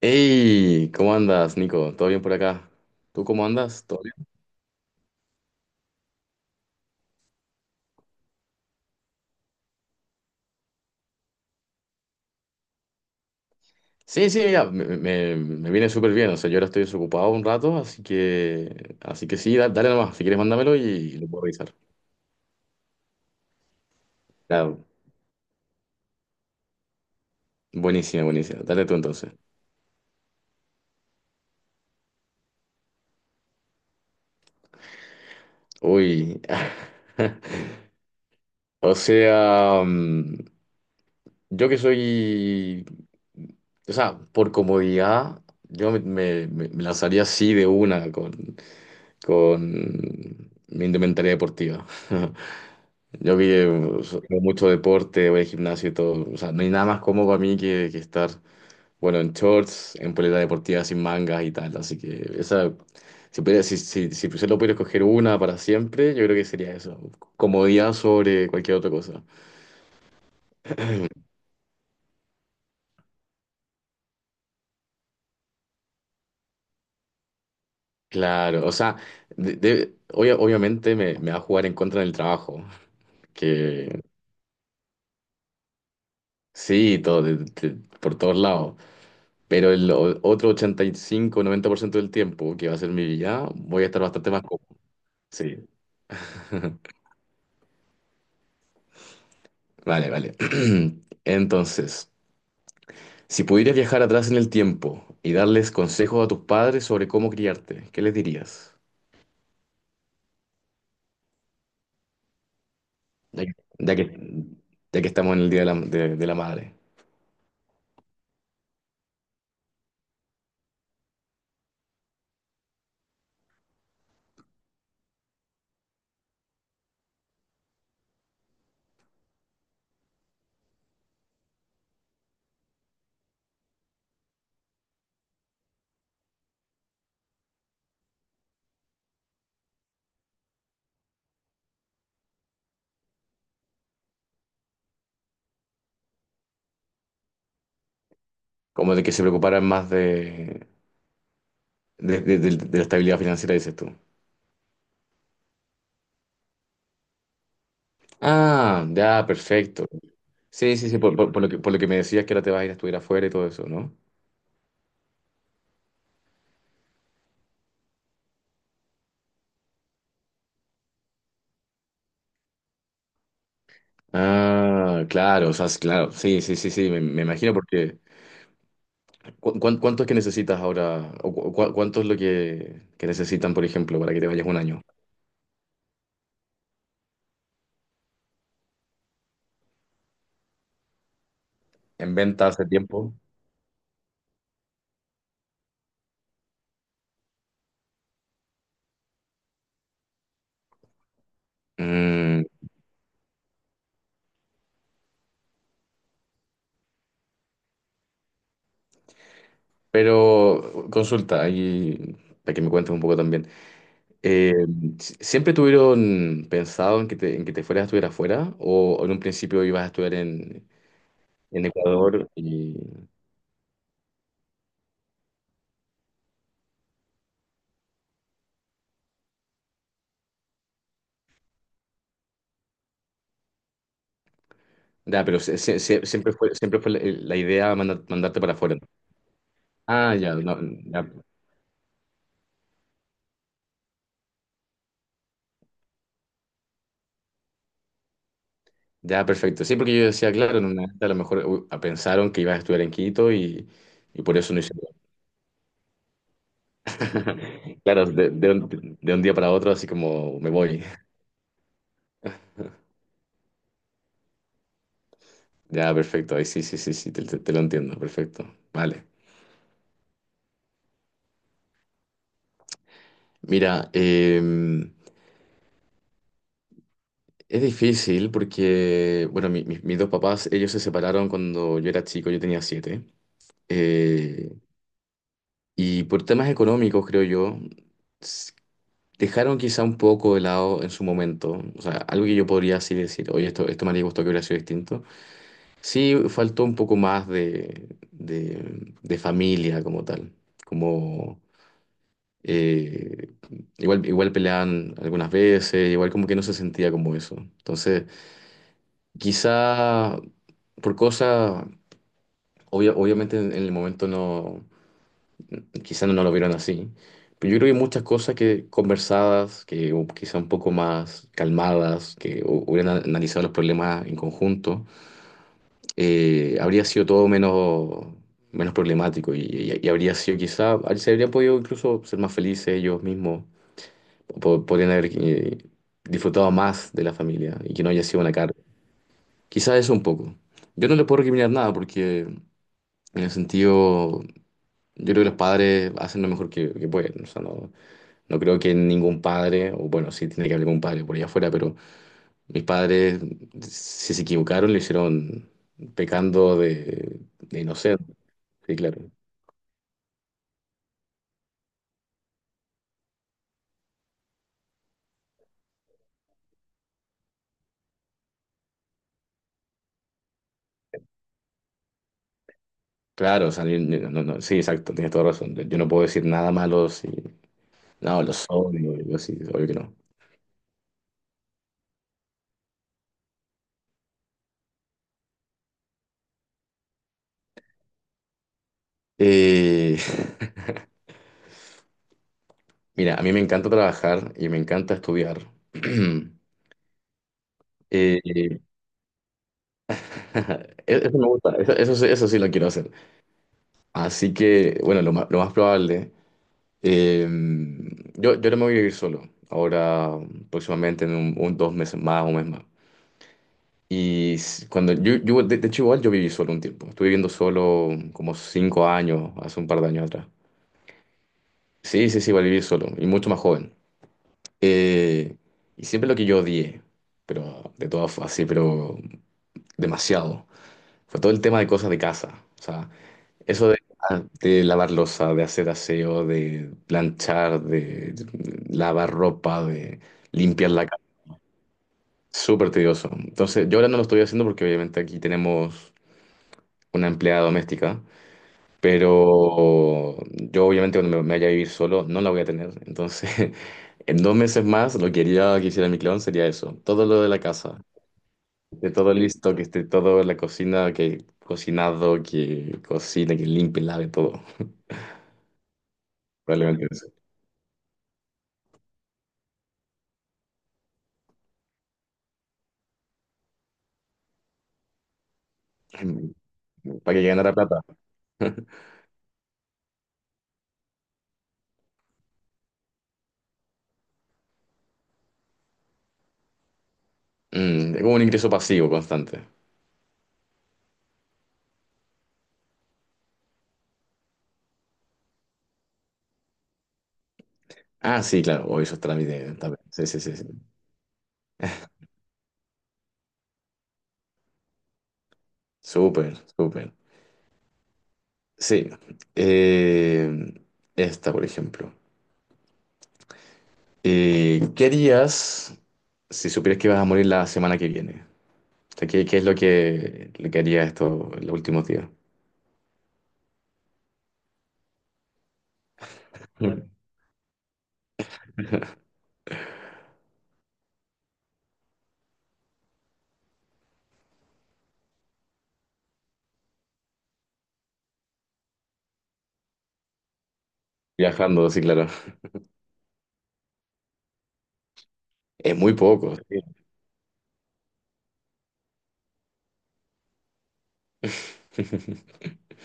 Hey, ¿cómo andas, Nico? ¿Todo bien por acá? ¿Tú cómo andas? ¿Todo bien? Sí, sí, mira, me viene súper bien. O sea, yo ahora estoy desocupado un rato, así que sí, dale nomás. Si quieres, mándamelo y lo puedo revisar. Claro, buenísima, buenísima. Dale tú entonces. Uy. O sea, yo que soy. O sea, por comodidad, yo me lanzaría así de una con, mi indumentaria deportiva. Yo que veo mucho deporte, voy al gimnasio y todo. O sea, no hay nada más cómodo para mí que estar, bueno, en shorts, en polera deportiva sin mangas y tal. Así que esa, si solo pudiera escoger una para siempre, yo creo que sería eso. Comodidad sobre cualquier otra cosa. Claro, o sea, obviamente me va a jugar en contra del trabajo, que sí, todo, por todos lados, pero el otro 85-90% del tiempo que va a ser mi vida, voy a estar bastante más cómodo. Sí. Vale, vale. Entonces, si pudieras viajar atrás en el tiempo y darles consejos a tus padres sobre cómo criarte, ¿qué les dirías? Ya que, ya que, ya que estamos en el Día de la, de la Madre. Como de que se preocuparan más de la estabilidad financiera, dices tú. Ah, ya, perfecto. Sí, sí, sí, por lo que me decías que ahora te vas a ir a estudiar afuera y todo eso, ¿no? Ah, claro, o sea, claro, sí, sí, sí, sí, me imagino porque... ¿Cuánto es que necesitas ahora? ¿O cuánto es lo que necesitan, por ejemplo, para que te vayas un año? En venta hace tiempo. Mm, pero consulta, ahí para que me cuentes un poco también. Eh, ¿Siempre tuvieron pensado en que te fueras a estudiar afuera? ¿O en un principio ibas a estudiar en Ecuador? Y... Ya, pero siempre fue la idea mandarte para afuera. Ah, ya, no, ya, ya, perfecto. Sí, porque yo decía, claro, en una de estas a lo mejor uy, pensaron que ibas a estudiar en Quito y por eso no hice nada. Claro, de un día para otro, así como me voy. Ya, perfecto. Ahí sí, sí, sí, sí, te lo entiendo. Perfecto. Vale. Mira, es difícil porque, bueno, mis dos papás, ellos se separaron cuando yo era chico, yo tenía 7. Eh, y por temas económicos, creo yo, dejaron quizá un poco de lado en su momento. O sea, algo que yo podría así decir, oye, esto me haría gusto que hubiera sido distinto. Sí, faltó un poco más de familia como tal, como eh, igual peleaban algunas veces, igual como que no se sentía como eso. Entonces, quizá por cosas, obviamente en el momento no, quizás no lo vieron así, pero yo creo que muchas cosas que conversadas, que quizá un poco más calmadas, que hubieran analizado los problemas en conjunto, habría sido todo menos problemático, y habría sido quizá, se habría podido incluso ser más felices ellos mismos, podrían haber disfrutado más de la familia y que no haya sido una carga. Quizás eso un poco. Yo no le puedo recriminar nada porque en el sentido, yo creo que los padres hacen lo mejor que pueden, o sea, no. No creo que ningún padre, o bueno, sí tiene que haber algún padre por allá afuera, pero mis padres, si se equivocaron, lo hicieron pecando de inocente. Sí, claro. Claro, o sea, no, no, sí, exacto, tienes toda razón. Yo no puedo decir nada malo si. No, los odio, yo sí, obvio que no. Eh, Mira, a mí me encanta trabajar y me encanta estudiar. Eh, eso sí lo quiero hacer. Así que, bueno, lo más probable. Eh, yo no me voy a vivir solo ahora, próximamente en 2 meses más, un mes más. Cuando yo de hecho igual yo viví solo un tiempo, estuve viviendo solo como 5 años, hace un par de años atrás. Sí, sí, sí, igual viví solo y mucho más joven. Eh, y siempre lo que yo odié, pero de todas así, pero demasiado, fue todo el tema de cosas de casa. O sea, eso de lavar losa, de hacer aseo, de planchar, de lavar ropa, de limpiar la casa, súper tedioso. Entonces, yo ahora no lo estoy haciendo porque obviamente aquí tenemos una empleada doméstica, pero yo obviamente cuando me vaya a vivir solo no la voy a tener. Entonces, en 2 meses más lo que haría que hiciera mi clon sería eso, todo lo de la casa, de todo listo, que esté todo en la cocina, que cocinado, que cocine, que limpie, lave todo. Probablemente eso. Para que ganara plata. Es como un ingreso pasivo constante. Ah, sí, claro, o esos trámites también. Sí, sí, sí, sí. Súper, súper. Sí. Eh, Esta, por ejemplo. ¿Qué harías si supieras que vas a morir la semana que viene? O sea, ¿qué es lo que harías esto en los últimos días? Claro. Viajando, sí, claro. Es muy poco. Sí.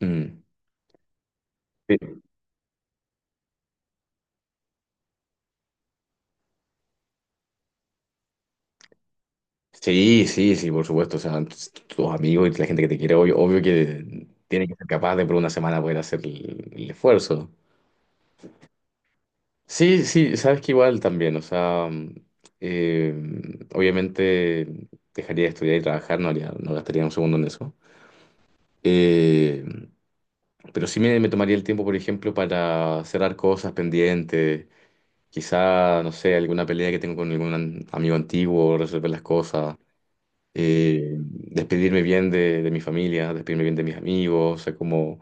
Mm. Sí. Sí, sí, sí, por supuesto. O sea, tus amigos y la gente que te quiere, obvio, obvio que tiene que ser capaz de por una semana poder hacer el esfuerzo. Sí, sí, sabes que igual también, o sea, eh, obviamente dejaría de estudiar y trabajar, no gastaría un segundo en eso. Eh, pero sí me tomaría el tiempo, por ejemplo, para cerrar cosas pendientes, quizá, no sé, alguna pelea que tengo con algún amigo antiguo, resolver las cosas. Despedirme bien de mi familia, despedirme bien de mis amigos, o sea, como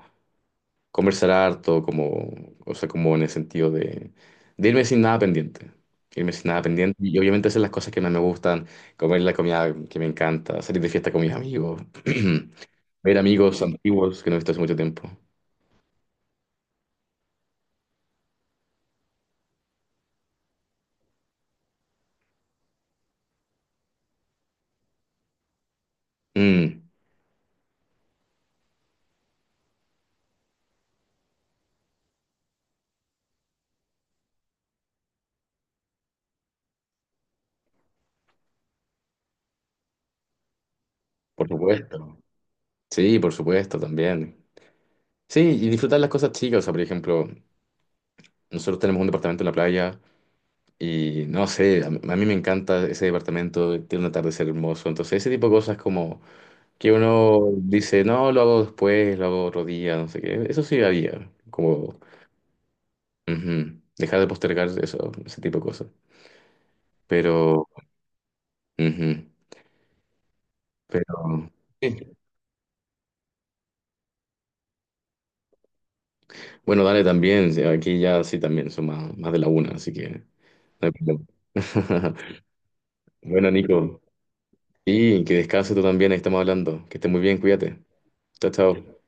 conversar harto, como, o sea, como en el sentido de irme sin nada pendiente. Irme sin nada pendiente y obviamente hacer las cosas que más me gustan, comer la comida que me encanta, salir de fiesta con mis amigos, ver amigos antiguos que no he visto hace mucho tiempo. Mm, por supuesto. Sí, por supuesto, también. Sí, y disfrutar las cosas chicas, o sea, por ejemplo, nosotros tenemos un departamento en la playa. Y no sé, a mí me encanta ese departamento, tiene un atardecer hermoso. Entonces, ese tipo de cosas como que uno dice, no, lo hago después, lo hago otro día, no sé qué. Eso sí había, como ujú, dejar de postergar eso, ese tipo de cosas. Pero, ujú, pero sí. Bueno, dale también, sí, aquí ya sí también son más de la una, así que no hay problema. Bueno, Nico, y que descanse tú también, ahí estamos hablando. Que estés muy bien, cuídate. Chao, chao.